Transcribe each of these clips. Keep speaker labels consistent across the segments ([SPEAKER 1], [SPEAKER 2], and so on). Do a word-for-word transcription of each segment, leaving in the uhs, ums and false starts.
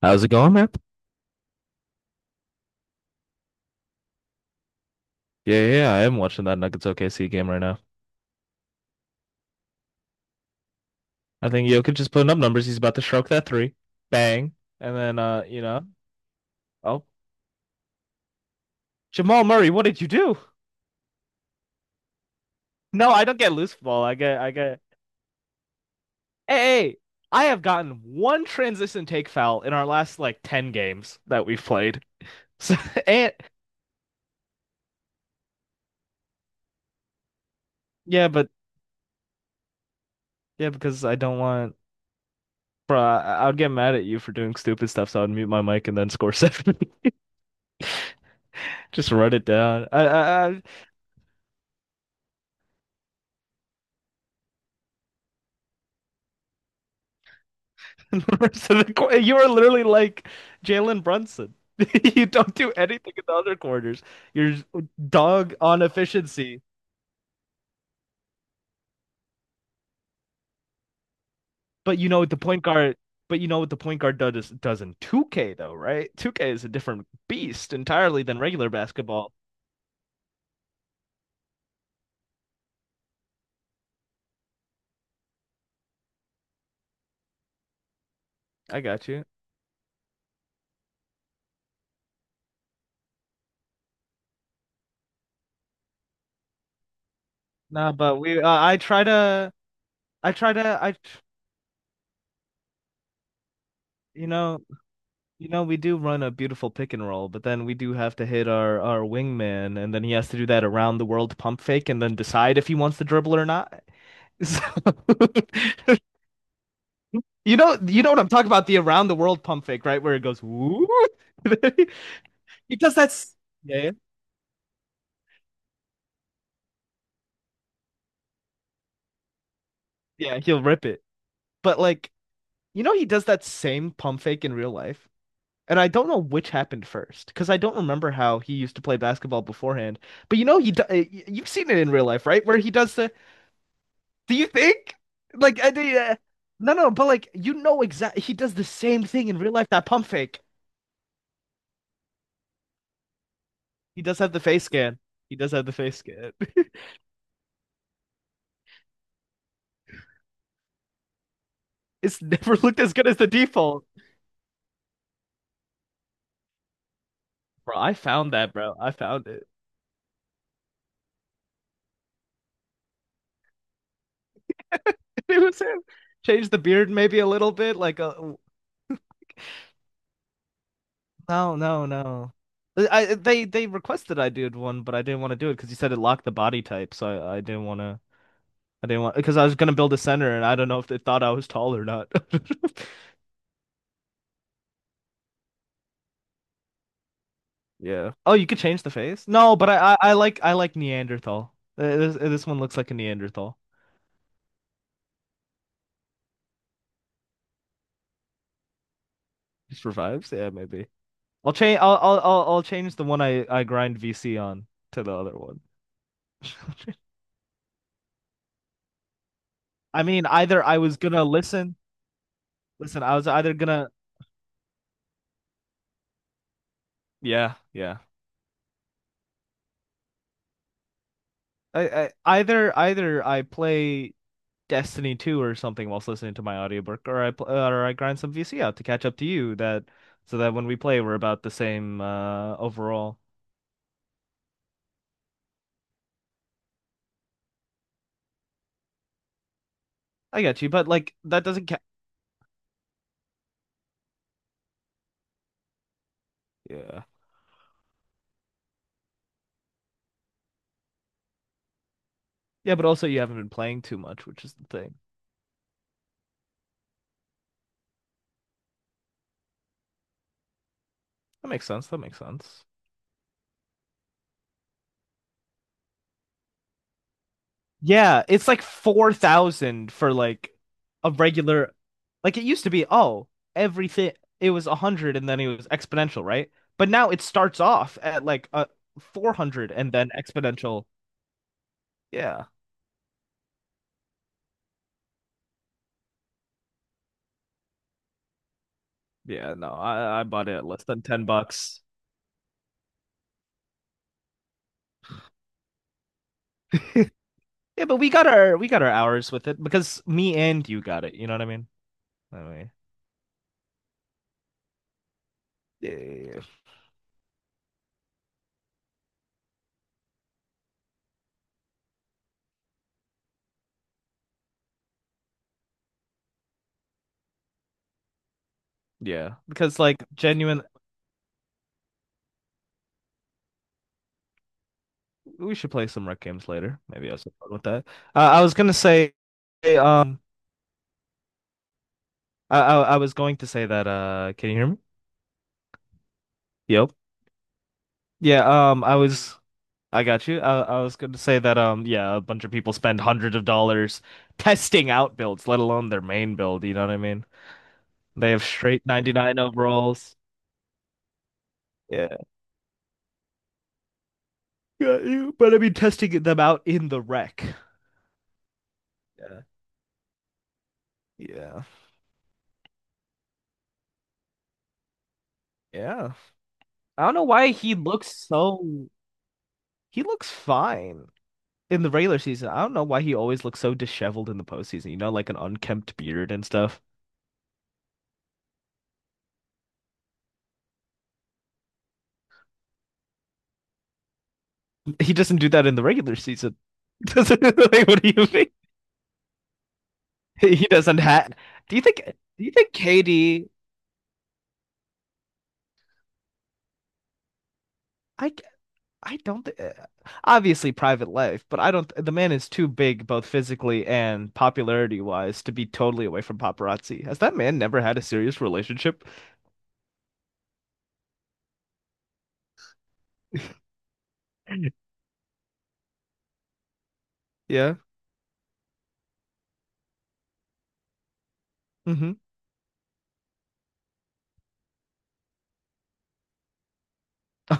[SPEAKER 1] How's it going, man? Yeah, yeah, yeah, I am watching that Nuggets O K C game right now. I think Jokic just putting up numbers. He's about to stroke that three. Bang. And then uh, you know, oh, Jamal Murray, what did you do? No, I don't get loose ball. I get I get Hey, hey, I have gotten one transition take foul in our last like ten games that we've played. So, and yeah, but yeah, because I don't want bro, I, I would get mad at you for doing stupid stuff, so I'd mute my mic and then score seven. Just run it down. I, I, I And The rest of the qu- you are literally like Jalen Brunson. You don't do anything in the other quarters. You're dog on efficiency. But you know what the point guard, but you know what the point guard does does in two K though, right? two K is a different beast entirely than regular basketball. I got you. Nah, but we uh, I try to I try to I tr- you know you know we do run a beautiful pick and roll, but then we do have to hit our our wingman, and then he has to do that around the world pump fake, and then decide if he wants to dribble or not. So, you know, you know what I'm talking about, the around the world pump fake, right? Where it goes, woo. He does that. S- Yeah, yeah, he'll rip it. But like, you know, he does that same pump fake in real life. And I don't know which happened first, because I don't remember how he used to play basketball beforehand. But you know, he do- uh, y- you've seen it in real life, right? Where he does the. Do you think? Like, I did. Uh, no, no, but like, you know exactly. He does the same thing in real life. That pump fake. He does have the face scan. He does have the face scan. It's never looked as good as the default. Bro, I found that, bro. I found it. It was him. Change the beard maybe a little bit, like a no, no, no. I they they requested I did one, but I didn't want to do it because you said it locked the body type, so I, I didn't want to. I didn't want because I was gonna build a center, and I don't know if they thought I was tall or not. Yeah. Oh, you could change the face? No, but I I, I like I like Neanderthal. Uh, This uh, this one looks like a Neanderthal. Just revives? Yeah, maybe. I'll change. I'll I'll I'll I'll change the one I I grind V C on to the other one. I mean, either I was gonna listen, listen. I was either gonna yeah, yeah. I, I either either I play Destiny two or something whilst listening to my audiobook, or I pl or I grind some V C out to catch up to you that so that when we play we're about the same uh overall. I get you, but like that doesn't ca yeah, yeah. But also you haven't been playing too much, which is the thing. That makes sense. That makes sense. Yeah, it's like four thousand for like a regular like it used to be oh, everything it was one hundred and then it was exponential, right? But now it starts off at like a four hundred and then exponential. Yeah. Yeah, no. I I bought it at less than ten bucks. Yeah, but we got our we got our hours with it because me and you got it, you know what I mean? Anyway. Yeah. Yeah, because like genuine we should play some rec games later. Maybe I was fun with that. Uh, I was gonna say um I, I I was going to say that uh can you hear me? Yep. Yeah, um I was I got you. I I was going to say that um yeah, a bunch of people spend hundreds of dollars testing out builds, let alone their main build, you know what I mean? They have straight ninety-nine overalls. Yeah. Got you. But I mean testing them out in the wreck. Yeah. Yeah. Yeah. I don't know why he looks so he looks fine. In the regular season, I don't know why he always looks so disheveled in the postseason, you know, like an unkempt beard and stuff. He doesn't do that in the regular season. Doesn't like, what do you think? He doesn't have. Do you think? Do you think K D? I I don't. thi- uh, Obviously, private life, but I don't. The man is too big, both physically and popularity wise, to be totally away from paparazzi. Has that man never had a serious relationship? Yeah. hmm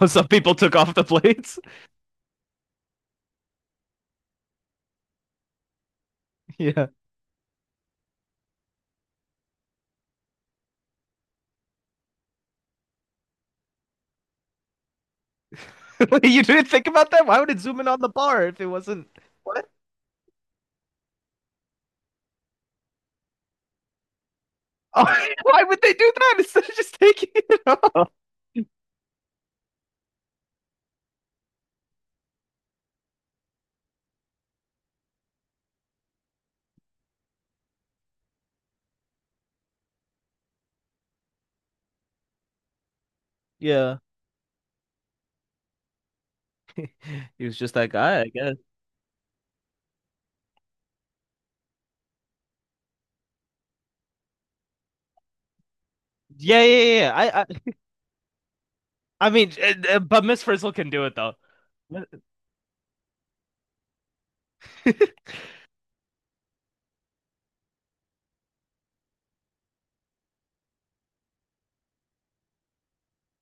[SPEAKER 1] Oh, some people took off the plates. Yeah. You didn't think about that? Why would it zoom in on the bar if it wasn't? What? Oh, why would they do that instead of just taking it off? Yeah, he was just that guy, I guess. Yeah, yeah, yeah, yeah. I, I, I mean, uh, uh, but Miss Frizzle can do it though.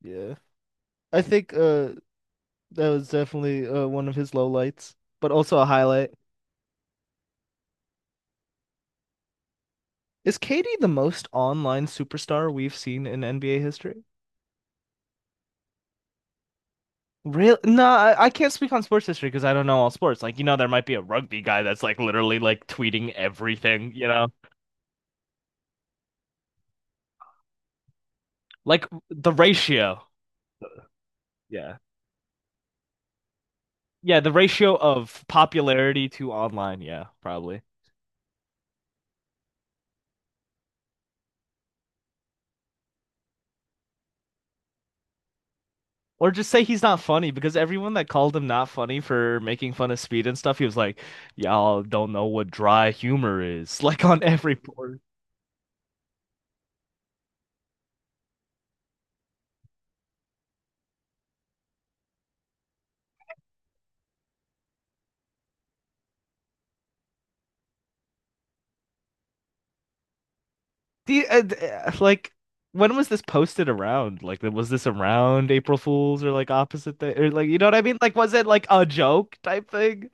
[SPEAKER 1] Yeah. I think uh that was definitely uh, one of his lowlights, but also a highlight. Is K D the most online superstar we've seen in N B A history? Real? No, I, I can't speak on sports history because I don't know all sports. Like, you know, there might be a rugby guy that's like literally like tweeting everything, you know? Like the ratio. Yeah. Yeah, the ratio of popularity to online. Yeah, probably. Or just say he's not funny because everyone that called him not funny for making fun of speed and stuff, he was like, y'all don't know what dry humor is, like on every do you, uh, uh, like when was this posted around? Like was this around April Fools or like opposite day or like you know what I mean? Like was it like a joke type thing?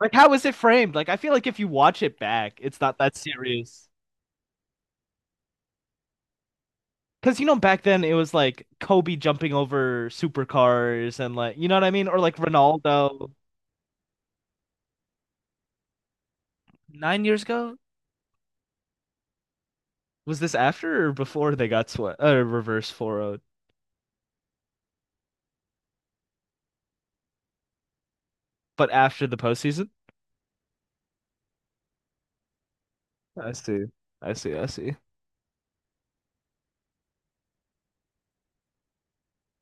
[SPEAKER 1] Like how was it framed? Like I feel like if you watch it back, it's not that serious. Because you know back then it was like Kobe jumping over supercars and like you know what I mean? Or like Ronaldo nine years ago? Was this after or before they got swept uh, reverse four oh? But after the postseason? I see. I see. I see.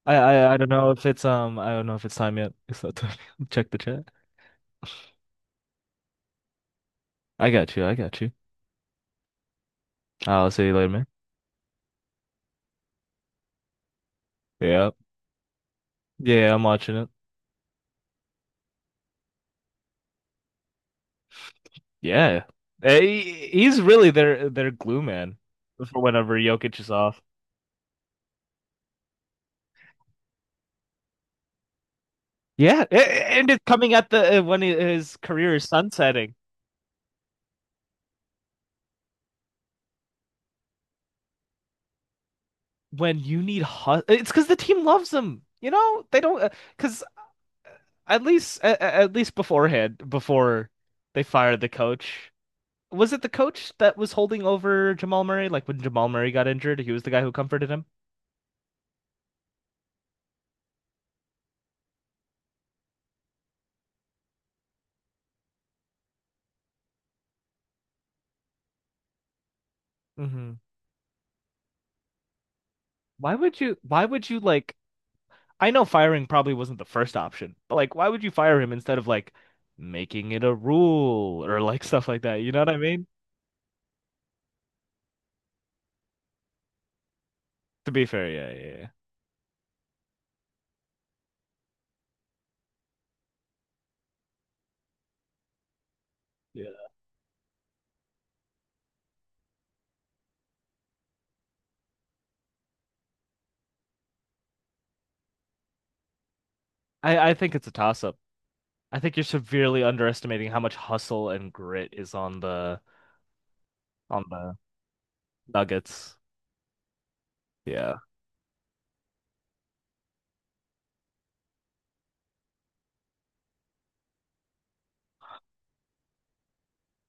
[SPEAKER 1] I, I I don't know if it's um I don't know if it's time yet. It's not time. Check the chat. I got you. I got you. I'll see you later, man. Yeah. Yeah, I'm watching it. Yeah. Hey, he's really their their glue man for whenever Jokic is off. Yeah, a- a- and it's coming at the uh, when he- his career is sunsetting. When you need hu it's because the team loves him. You know they don't because at least a- a- at least beforehand before they fired the coach. Was it the coach that was holding over Jamal Murray? Like when Jamal Murray got injured, he was the guy who comforted him. Mm-hmm. Why would you? Why would you like? I know firing probably wasn't the first option, but like, why would you fire him instead of like making it a rule or like stuff like that? You know what I mean? To be fair, yeah, yeah, yeah. Yeah. I I think it's a toss up. I think you're severely underestimating how much hustle and grit is on the on the Nuggets. Yeah.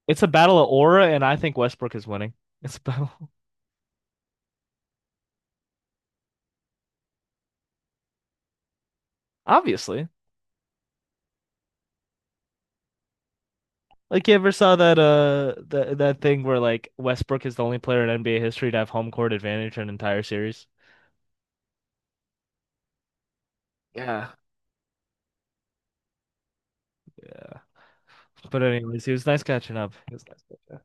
[SPEAKER 1] It's a battle of aura, and I think Westbrook is winning. It's a battle, obviously. Like you ever saw that uh that that thing where like Westbrook is the only player in N B A history to have home court advantage in an entire series? Yeah. Yeah. But anyways, he was nice catching up. It was nice catching up.